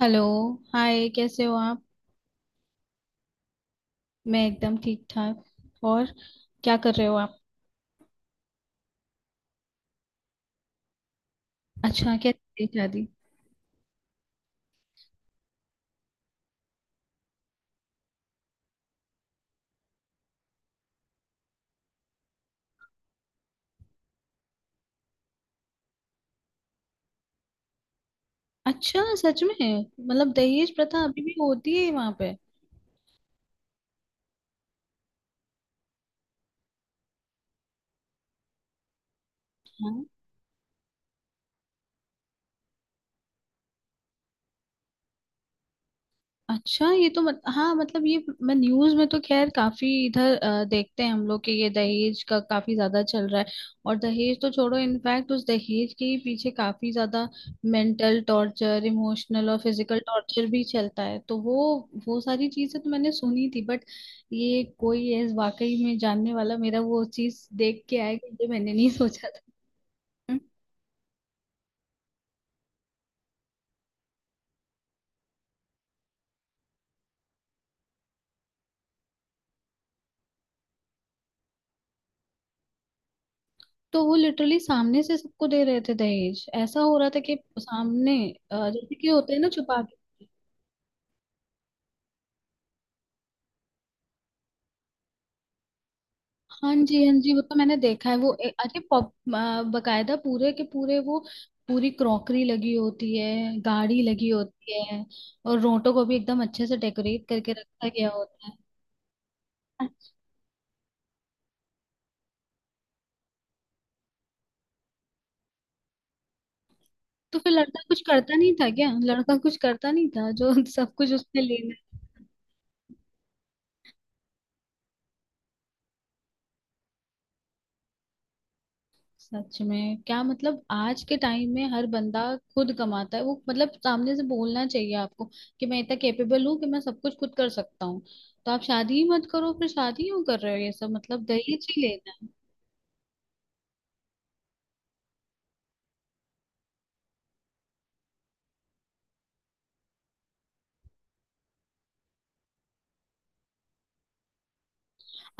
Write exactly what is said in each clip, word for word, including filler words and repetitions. Hello. Hi, कैसे हो आप? मैं एकदम ठीक ठाक। और क्या कर रहे हो आप? अच्छा, क्या शादी? अच्छा, सच में? मतलब दहेज प्रथा अभी भी होती है वहां पे? अच्छा, ये तो मत, हाँ, मतलब ये मैं न्यूज में तो खैर काफी इधर अ, देखते हैं हम लोग कि ये दहेज का काफी ज्यादा चल रहा है। और दहेज तो छोड़ो, इनफैक्ट उस दहेज के ही पीछे काफी ज्यादा मेंटल टॉर्चर, इमोशनल और फिजिकल टॉर्चर भी चलता है, तो वो वो सारी चीजें तो मैंने सुनी थी। बट ये कोई है वाकई में जानने वाला, मेरा वो चीज देख के आया कि ये मैंने नहीं सोचा था। तो वो लिटरली सामने से सबको दे रहे थे दहेज। ऐसा हो रहा था कि सामने अ, जैसे कि होते हैं ना छुपा के। हाँ जी, हाँ जी, वो तो मैंने देखा है। वो ए, अरे पॉप अ, बकायदा पूरे के पूरे वो पूरी क्रॉकरी लगी होती है, गाड़ी लगी होती है, और रोटो को भी एकदम अच्छे से डेकोरेट करके रखा गया होता है। तो फिर लड़का कुछ करता नहीं था क्या? लड़का कुछ करता नहीं था जो सब कुछ उसने लेना? सच में? क्या मतलब आज के टाइम में हर बंदा खुद कमाता है, वो मतलब सामने से बोलना चाहिए आपको कि मैं इतना कैपेबल हूँ कि मैं सब कुछ खुद कर सकता हूँ। तो आप शादी ही मत करो फिर। शादी क्यों कर रहे हो? ये सब मतलब दहेज ही लेना है?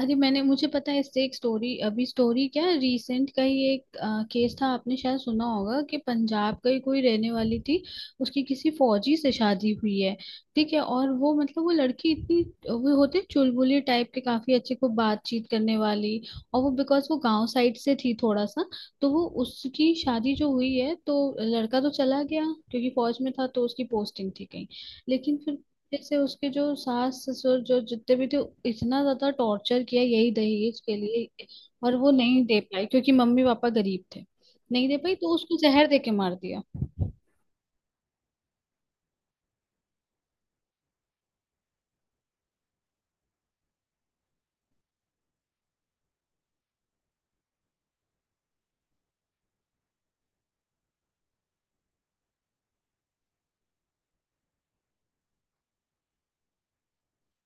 अरे मैंने, मुझे पता है, इससे एक स्टोरी, अभी स्टोरी क्या, रिसेंट का ही एक केस था, आपने शायद सुना होगा, कि पंजाब का ही कोई रहने वाली थी, उसकी किसी फौजी से शादी हुई है। ठीक है, और वो मतलब वो लड़की इतनी, वो होते हैं चुलबुली टाइप के, काफी अच्छे को बातचीत करने वाली, और वो बिकॉज वो गांव साइड से थी थोड़ा सा। तो वो उसकी शादी जो हुई है, तो लड़का तो चला गया क्योंकि फौज में था, तो उसकी पोस्टिंग थी कहीं। लेकिन फिर जैसे उसके जो सास ससुर जो जितने भी थे, इतना ज्यादा टॉर्चर किया यही दहेज के लिए। और वो नहीं दे पाई क्योंकि मम्मी पापा गरीब थे। नहीं दे पाई तो उसको जहर दे के मार दिया।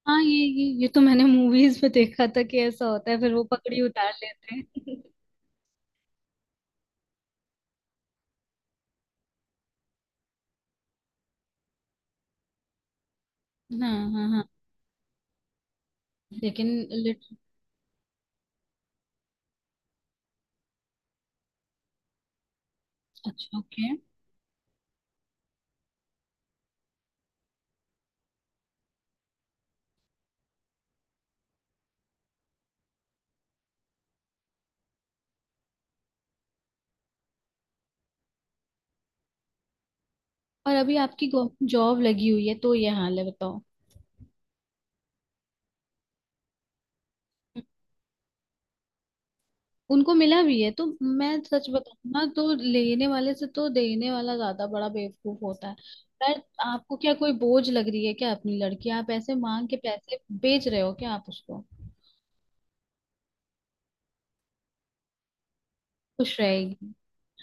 हाँ, ये ये ये तो मैंने मूवीज में देखा था कि ऐसा होता है, फिर वो पकड़ी उतार लेते हैं। हाँ हाँ हाँ। लेकिन लिट, अच्छा ओके। और अभी आपकी जॉब लगी हुई है तो ये हाल है, बताओ। उनको मिला भी है तो मैं सच बताऊं ना, तो लेने वाले से तो देने वाला ज्यादा बड़ा बेवकूफ होता है। पर आपको क्या कोई बोझ लग रही है क्या? अपनी लड़की आप ऐसे मांग के पैसे बेच रहे हो क्या आप उसको? खुश रहेगी।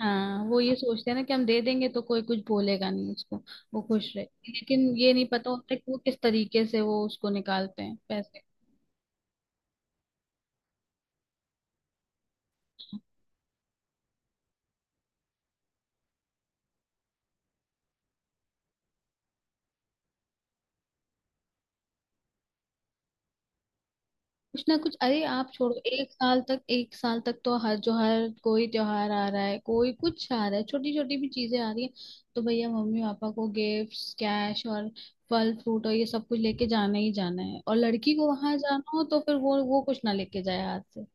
हाँ, वो ये सोचते हैं ना कि हम दे देंगे तो कोई कुछ बोलेगा नहीं उसको, वो खुश रहेगी। लेकिन ये नहीं पता होता कि वो किस तरीके से वो उसको निकालते हैं पैसे। कुछ ना कुछ, अरे आप छोड़ो, एक साल तक, एक साल तक तो हर जो हर कोई त्योहार आ रहा है, कोई कुछ आ रहा है, छोटी छोटी भी चीजें आ रही है। तो भैया मम्मी पापा को गिफ्ट्स, कैश और फल फ्रूट और ये सब कुछ लेके जाना ही जाना है। और लड़की को वहां जाना हो तो फिर वो वो कुछ ना लेके जाए हाथ से,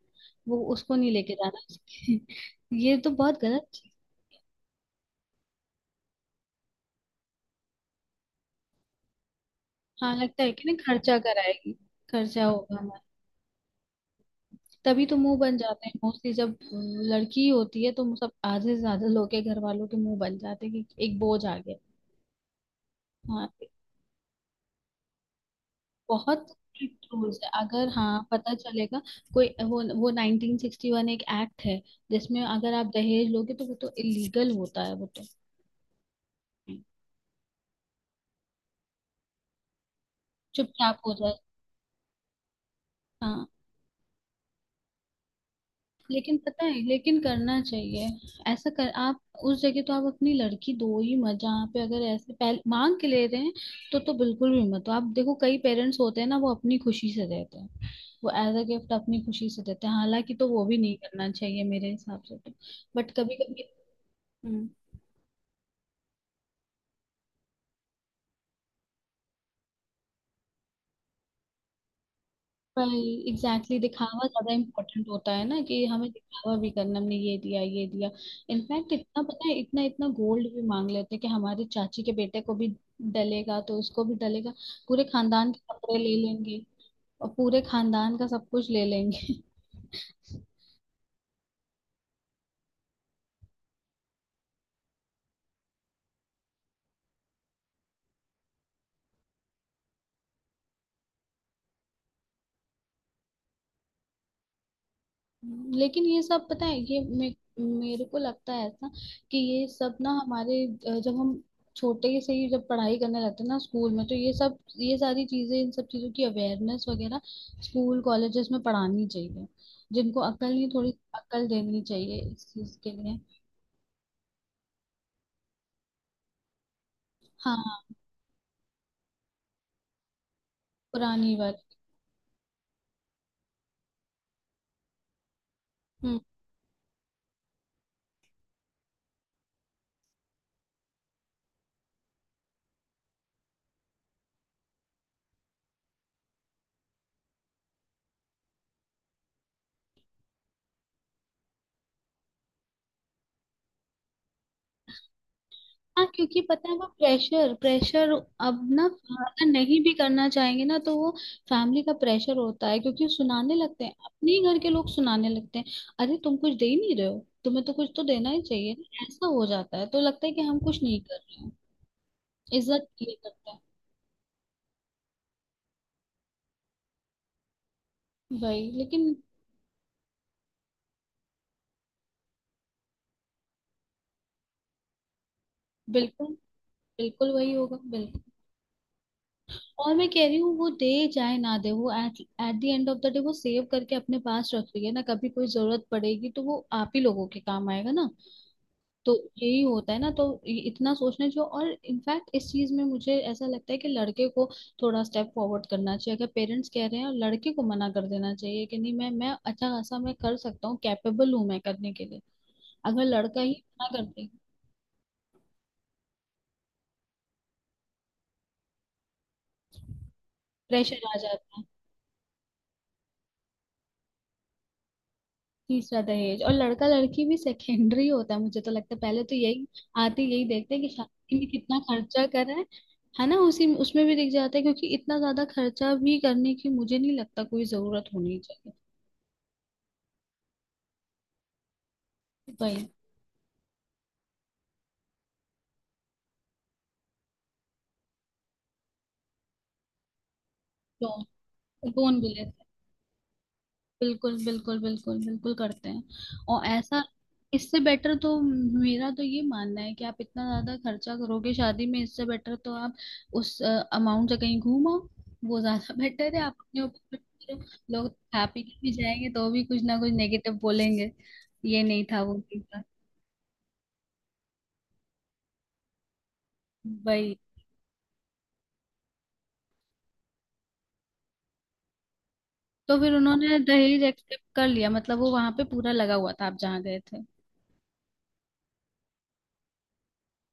वो उसको नहीं लेके जाना। ये तो बहुत गलत चीज। हाँ, लगता है कि ना खर्चा कराएगी, खर्चा होगा। तभी तो मुंह बन जाते हैं मोस्टली, जब अम, लड़की होती है तो मुंह- सब आधे से ज्यादा लोग के घर वालों के मुंह बन जाते हैं कि एक बोझ आ गया। हाँ, बहुत स्ट्रिक्ट रूल्स है। अगर हाँ पता चलेगा, कोई वो वो नाइन्टीन सिक्सटी वन एक एक्ट है जिसमें अगर आप दहेज लोगे तो वो तो इलीगल होता है, वो तो चुपचाप हो जाए। हाँ लेकिन पता है, लेकिन करना चाहिए ऐसा, कर आप। उस जगह तो आप अपनी लड़की दो ही मत जहाँ पे अगर ऐसे पहले मांग के ले रहे हैं। तो तो बिल्कुल भी मत। तो आप देखो कई पेरेंट्स होते हैं ना, वो अपनी खुशी से देते हैं, वो एज अ गिफ्ट अपनी खुशी से देते हैं। हालांकि तो वो भी नहीं करना चाहिए मेरे हिसाब से तो, बट कभी कभी। वही, एग्जैक्टली exactly, दिखावा ज्यादा इम्पोर्टेंट होता है ना, कि हमें दिखावा भी करना, हमने ये दिया, ये दिया। इनफैक्ट इतना, पता है, इतना इतना गोल्ड भी मांग लेते हैं कि हमारे चाची के बेटे को भी डलेगा तो उसको भी डलेगा। पूरे खानदान के कपड़े ले लेंगे और पूरे खानदान का सब कुछ ले लेंगे। लेकिन ये सब, पता है, ये मे, मेरे को लगता है ऐसा कि ये सब ना हमारे अ, जब हम छोटे से ही जब पढ़ाई करने लगते हैं ना स्कूल में, तो ये सब ये सारी चीजें, इन सब चीजों की अवेयरनेस वगैरह स्कूल कॉलेजेस में पढ़ानी चाहिए। जिनको अकल नहीं, थोड़ी अकल देनी चाहिए इस चीज के लिए। हाँ, पुरानी वाली। हाँ क्योंकि पता है, वो प्रेशर, प्रेशर, अब ना फादर नहीं भी करना चाहेंगे ना तो वो फैमिली का प्रेशर होता है। क्योंकि सुनाने लगते हैं, अपने ही घर के लोग सुनाने लगते हैं। अरे तुम कुछ दे ही नहीं रहे हो, तुम्हें तो कुछ तो देना ही चाहिए ना। ऐसा हो जाता है, तो लगता है कि हम कुछ नहीं कर रहे हैं। इज्जत ये करते हैं। वही, लेकिन बिल्कुल, बिल्कुल वही होगा, बिल्कुल। और मैं कह रही हूँ वो दे चाहे ना दे, वो at, at the end of the day वो सेव करके अपने पास रख रही है ना, कभी कोई जरूरत पड़ेगी तो वो आप ही लोगों के काम आएगा ना। तो यही होता है ना। तो इ- इतना सोचना चाहिए। और इनफैक्ट इस चीज में मुझे ऐसा लगता है कि लड़के को थोड़ा स्टेप फॉरवर्ड करना चाहिए। अगर पेरेंट्स कह रहे हैं, और लड़के को मना कर देना चाहिए कि नहीं, मैं मैं अच्छा खासा, मैं कर सकता हूँ, कैपेबल हूँ मैं करने के लिए। अगर लड़का ही मना कर दे। प्रेशर आ जाता है। तीसरा दहेज, और लड़का लड़की भी सेकेंडरी होता है मुझे तो लगता है। पहले तो यही आते, यही देखते हैं कि शादी में कितना खर्चा कर रहा है। है ना, उसी उसमें भी दिख जाता है। क्योंकि इतना ज्यादा खर्चा भी करने की मुझे नहीं लगता कोई जरूरत होनी चाहिए। वही। तो लोन भी लेते हैं बिल्कुल बिल्कुल बिल्कुल बिल्कुल करते हैं और ऐसा। इससे बेटर तो मेरा तो ये मानना है कि आप इतना ज्यादा खर्चा करोगे शादी में, इससे बेटर तो आप उस अमाउंट से कहीं घूम आओ। वो ज्यादा बेटर है, आप अपने ऊपर करो। लोग हैप्पी भी जाएंगे तो भी कुछ ना कुछ नेगेटिव बोलेंगे। ये नहीं था, वो नहीं था। वही। तो फिर उन्होंने दहेज एक्सेप्ट कर लिया, मतलब वो वहां पे पूरा लगा हुआ था आप जहाँ गए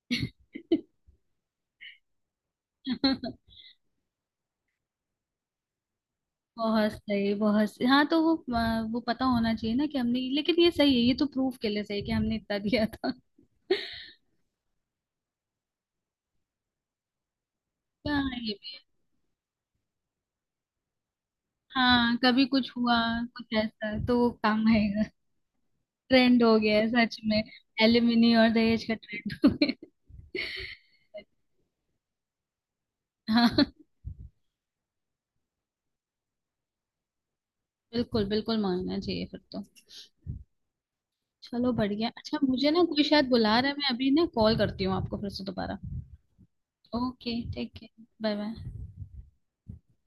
थे? बहुत सही, बहुत सही। हाँ, तो वो आ, वो पता होना चाहिए ना कि हमने, लेकिन ये सही है, ये तो प्रूफ के लिए सही है कि हमने इतना दिया था। हाँ, ये भी। हाँ, कभी कुछ हुआ, कुछ ऐसा तो वो काम आएगा। ट्रेंड हो गया है सच में। एलिमिनी और दहेज का ट्रेंड हो गया। हाँ, बिल्कुल बिल्कुल, मांगना चाहिए फिर तो। चलो बढ़िया, अच्छा मुझे ना कोई शायद बुला रहा है, मैं अभी ना कॉल करती हूँ आपको फिर से दोबारा। ओके ठीक है। Bye bye.